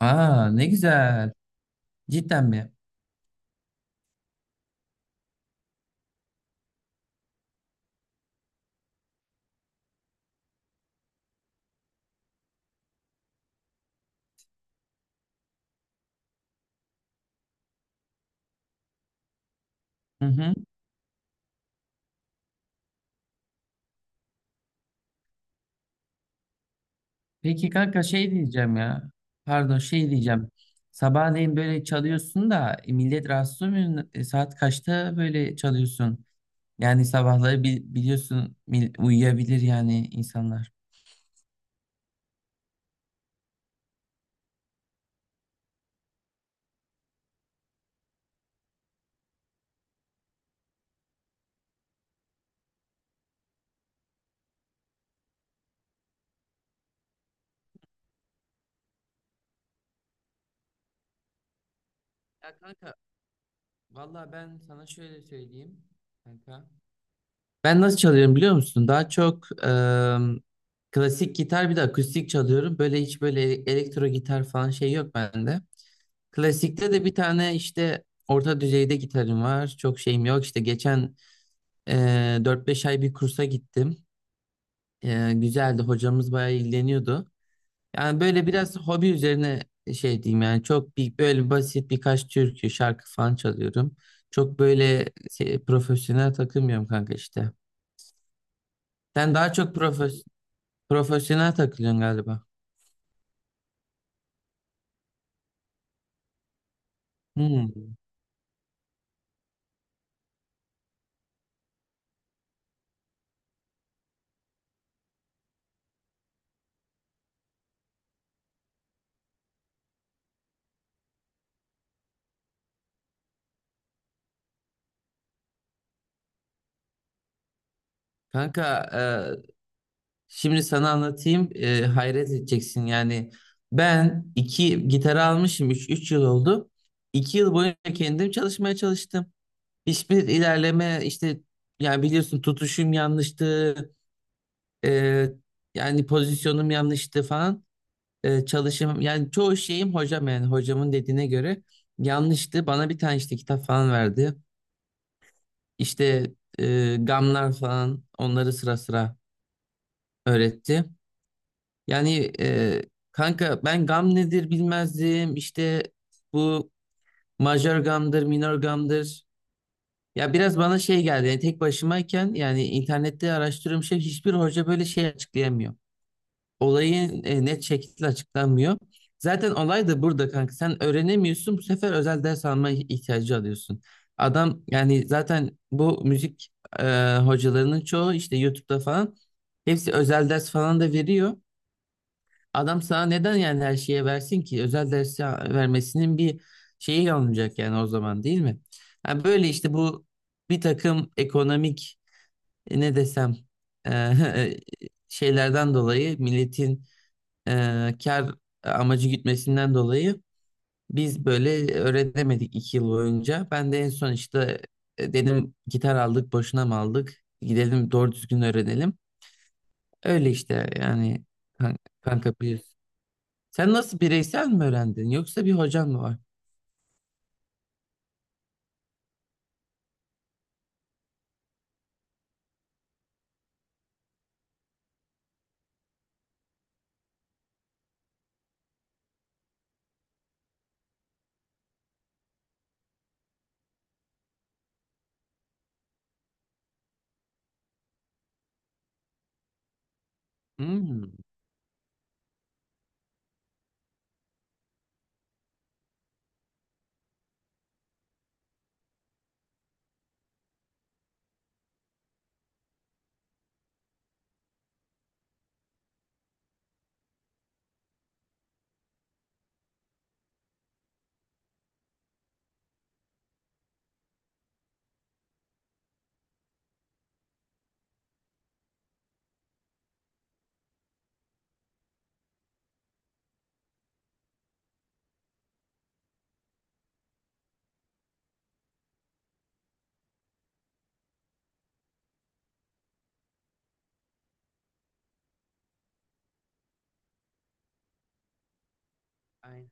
Aa, ne güzel. Cidden mi? Hı hı. Peki kanka, şey diyeceğim ya. Pardon, şey diyeceğim. Sabahleyin böyle çalıyorsun da millet rahatsız olmuyor. Saat kaçta böyle çalıyorsun? Yani sabahları biliyorsun uyuyabilir yani insanlar. Ya kanka, valla ben sana şöyle söyleyeyim kanka. Ben nasıl çalıyorum biliyor musun? Daha çok klasik gitar bir de akustik çalıyorum. Böyle hiç böyle elektro gitar falan şey yok bende. Klasikte de bir tane işte orta düzeyde gitarım var. Çok şeyim yok. İşte geçen e, 4-5 ay bir kursa gittim. Güzeldi. Hocamız bayağı ilgileniyordu. Yani böyle biraz hobi üzerine şey diyeyim yani, çok bir, böyle basit birkaç türkü, şarkı falan çalıyorum. Çok böyle şey, profesyonel takılmıyorum kanka işte. Sen daha çok profesyonel takılıyorsun galiba. Hmm. Kanka, şimdi sana anlatayım, hayret edeceksin yani. Ben iki gitar almışım, üç yıl oldu, 2 yıl boyunca kendim çalışmaya çalıştım, hiçbir ilerleme işte. Yani biliyorsun, tutuşum yanlıştı, e, yani pozisyonum yanlıştı falan, çalışım yani çoğu şeyim, hocam yani hocamın dediğine göre yanlıştı. Bana bir tane işte kitap falan verdi. İşte gamlar falan, onları sıra sıra öğretti. Yani kanka, ben gam nedir bilmezdim. İşte bu majör gamdır, minor gamdır. Ya biraz bana şey geldi. Yani tek başımayken, yani internette araştırıyorum, şey hiçbir hoca böyle şey açıklayamıyor. Olayın net şekilde açıklanmıyor. Zaten olay da burada kanka. Sen öğrenemiyorsun. Bu sefer özel ders alma ihtiyacı alıyorsun. Adam yani, zaten bu müzik hocalarının çoğu işte YouTube'da falan, hepsi özel ders falan da veriyor. Adam sana neden yani her şeye versin ki? Özel dersi vermesinin bir şeyi alınacak yani o zaman, değil mi? Yani böyle işte, bu bir takım ekonomik, ne desem, e, şeylerden dolayı, milletin kar amacı gütmesinden dolayı biz böyle öğrenemedik 2 yıl boyunca. Ben de en son işte dedim, gitar aldık, boşuna mı aldık? Gidelim doğru düzgün öğrenelim. Öyle işte yani, kanka biliyorsun. Sen nasıl, bireysel mi öğrendin yoksa bir hocan mı var? Hmm. Aynen.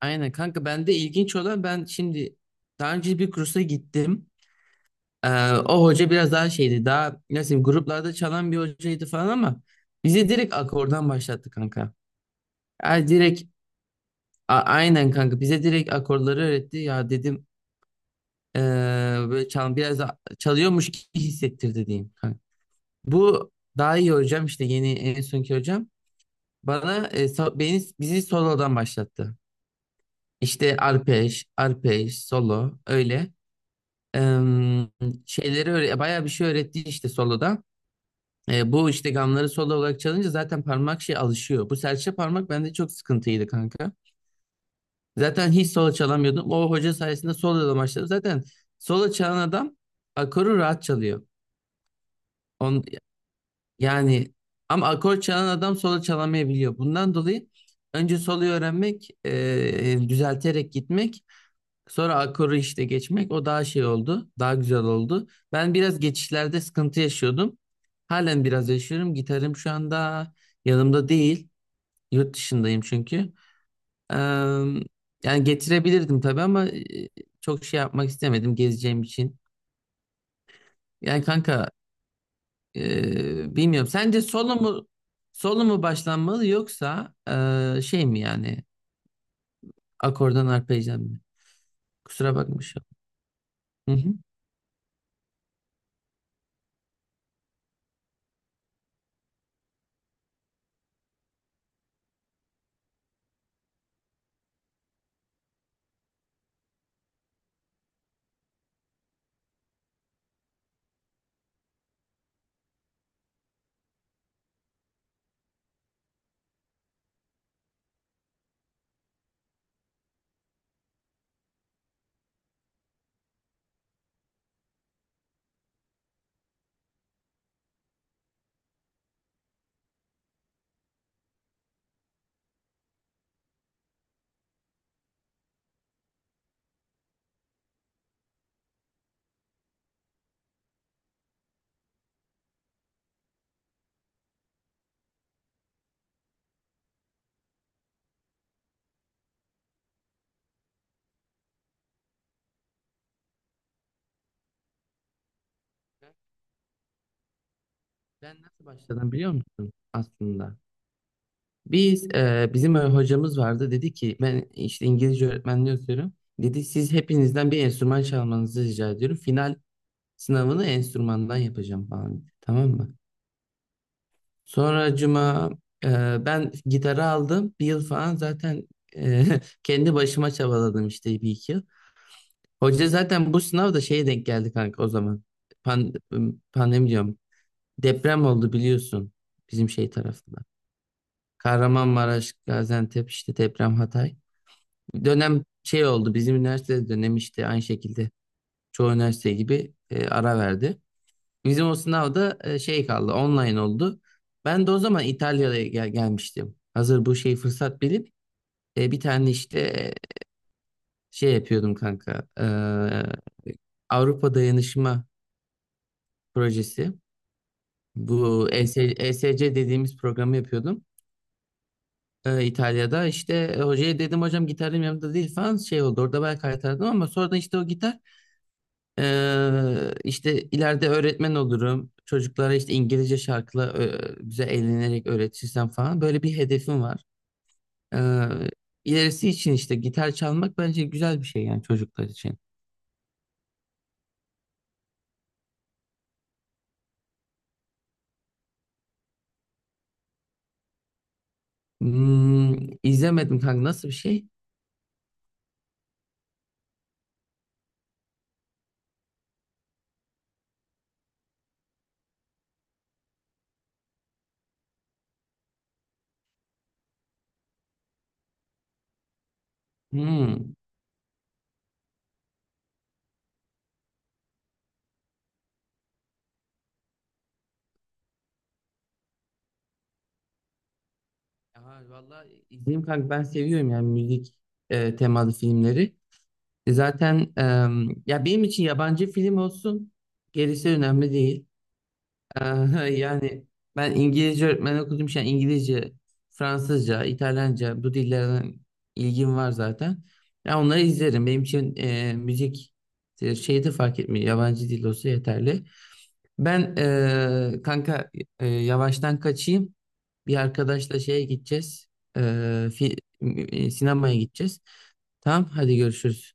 Aynen kanka, bende ilginç olan, ben şimdi daha önce bir kursa gittim. O hoca biraz daha şeydi, daha nasıl diyeyim, gruplarda çalan bir hocaydı falan, ama bize direkt akordan başlattı kanka. Yani direkt, aynen kanka, bize direkt akorları öğretti ya, dedim ee, böyle çal, biraz da çalıyormuş gibi hissettirdi diyeyim kanka. Bu daha iyi hocam, işte yeni en sonki hocam, bana beni bizi solodan başlattı. İşte arpej, arpej, solo öyle. Em, şeyleri öyle bayağı bir şey öğretti işte soloda. Bu işte gamları solo olarak çalınca zaten parmak şey alışıyor. Bu serçe parmak bende çok sıkıntıydı kanka. Zaten hiç solo çalamıyordum. O hoca sayesinde solo da başladım. Zaten solo çalan adam akoru rahat çalıyor. On, yani ama akor çalan adam solo çalamayabiliyor. Bundan dolayı önce soloyu öğrenmek, düzelterek gitmek, sonra akoru işte geçmek, o daha şey oldu. Daha güzel oldu. Ben biraz geçişlerde sıkıntı yaşıyordum. Halen biraz yaşıyorum. Gitarım şu anda yanımda değil. Yurt dışındayım çünkü. Ee, yani getirebilirdim tabii, ama çok şey yapmak istemedim gezeceğim için. Yani kanka, bilmiyorum. Sence solo mu başlanmalı yoksa şey mi yani, akordan arpejden mi? Kusura bakmışım. Hı hı. Ben ben nasıl başladım biliyor musun aslında? Biz bizim öyle hocamız vardı, dedi ki ben işte İngilizce öğretmenliği okuyorum. Dedi siz hepinizden bir enstrüman çalmanızı rica ediyorum, final sınavını enstrümandan yapacağım falan dedi. Tamam mı? Sonra cuma e, ben gitarı aldım. Bir yıl falan zaten e, kendi başıma çabaladım işte bir iki yıl. Hoca zaten bu sınavda şeye denk geldi kanka o zaman. Pan, pandemi diyorum. Deprem oldu biliyorsun bizim şey tarafında. Kahramanmaraş, Gaziantep işte, deprem Hatay. Dönem şey oldu, bizim üniversite dönem işte, aynı şekilde çoğu üniversite gibi ara verdi. Bizim o sınavda şey kaldı, online oldu. Ben de o zaman İtalya'ya gelmiştim. Hazır bu şey fırsat bilip bir tane işte şey yapıyordum kanka. Avrupa Dayanışma Projesi. Bu E S ESC dediğimiz programı yapıyordum. İtalya'da işte hocaya dedim hocam, gitarım yanımda değil falan, şey oldu. Orada ben kaytardım, ama sonradan işte o gitar. İşte ileride öğretmen olurum. Çocuklara işte İngilizce şarkıyla güzel eğlenerek öğretirsem falan. Böyle bir hedefim var. Ee, ilerisi için işte gitar çalmak bence güzel bir şey yani, çocuklar için. Hmm, izlemedim kanka, nasıl bir şey? Hmm. Ya, vallahi izleyeyim kanka, ben seviyorum yani müzik temalı filmleri. Zaten ya benim için yabancı film olsun, gerisi önemli değil. Aha, yani ben İngilizce öğretmen okudum için İngilizce, Fransızca, İtalyanca bu dillerden ilgim var zaten. Ya onları izlerim. Benim için müzik şeyi de fark etmiyor. Yabancı dil olsa yeterli. Ben kanka yavaştan kaçayım. Bir arkadaşla şeye gideceğiz. E, Sinemaya gideceğiz. Tamam, hadi görüşürüz.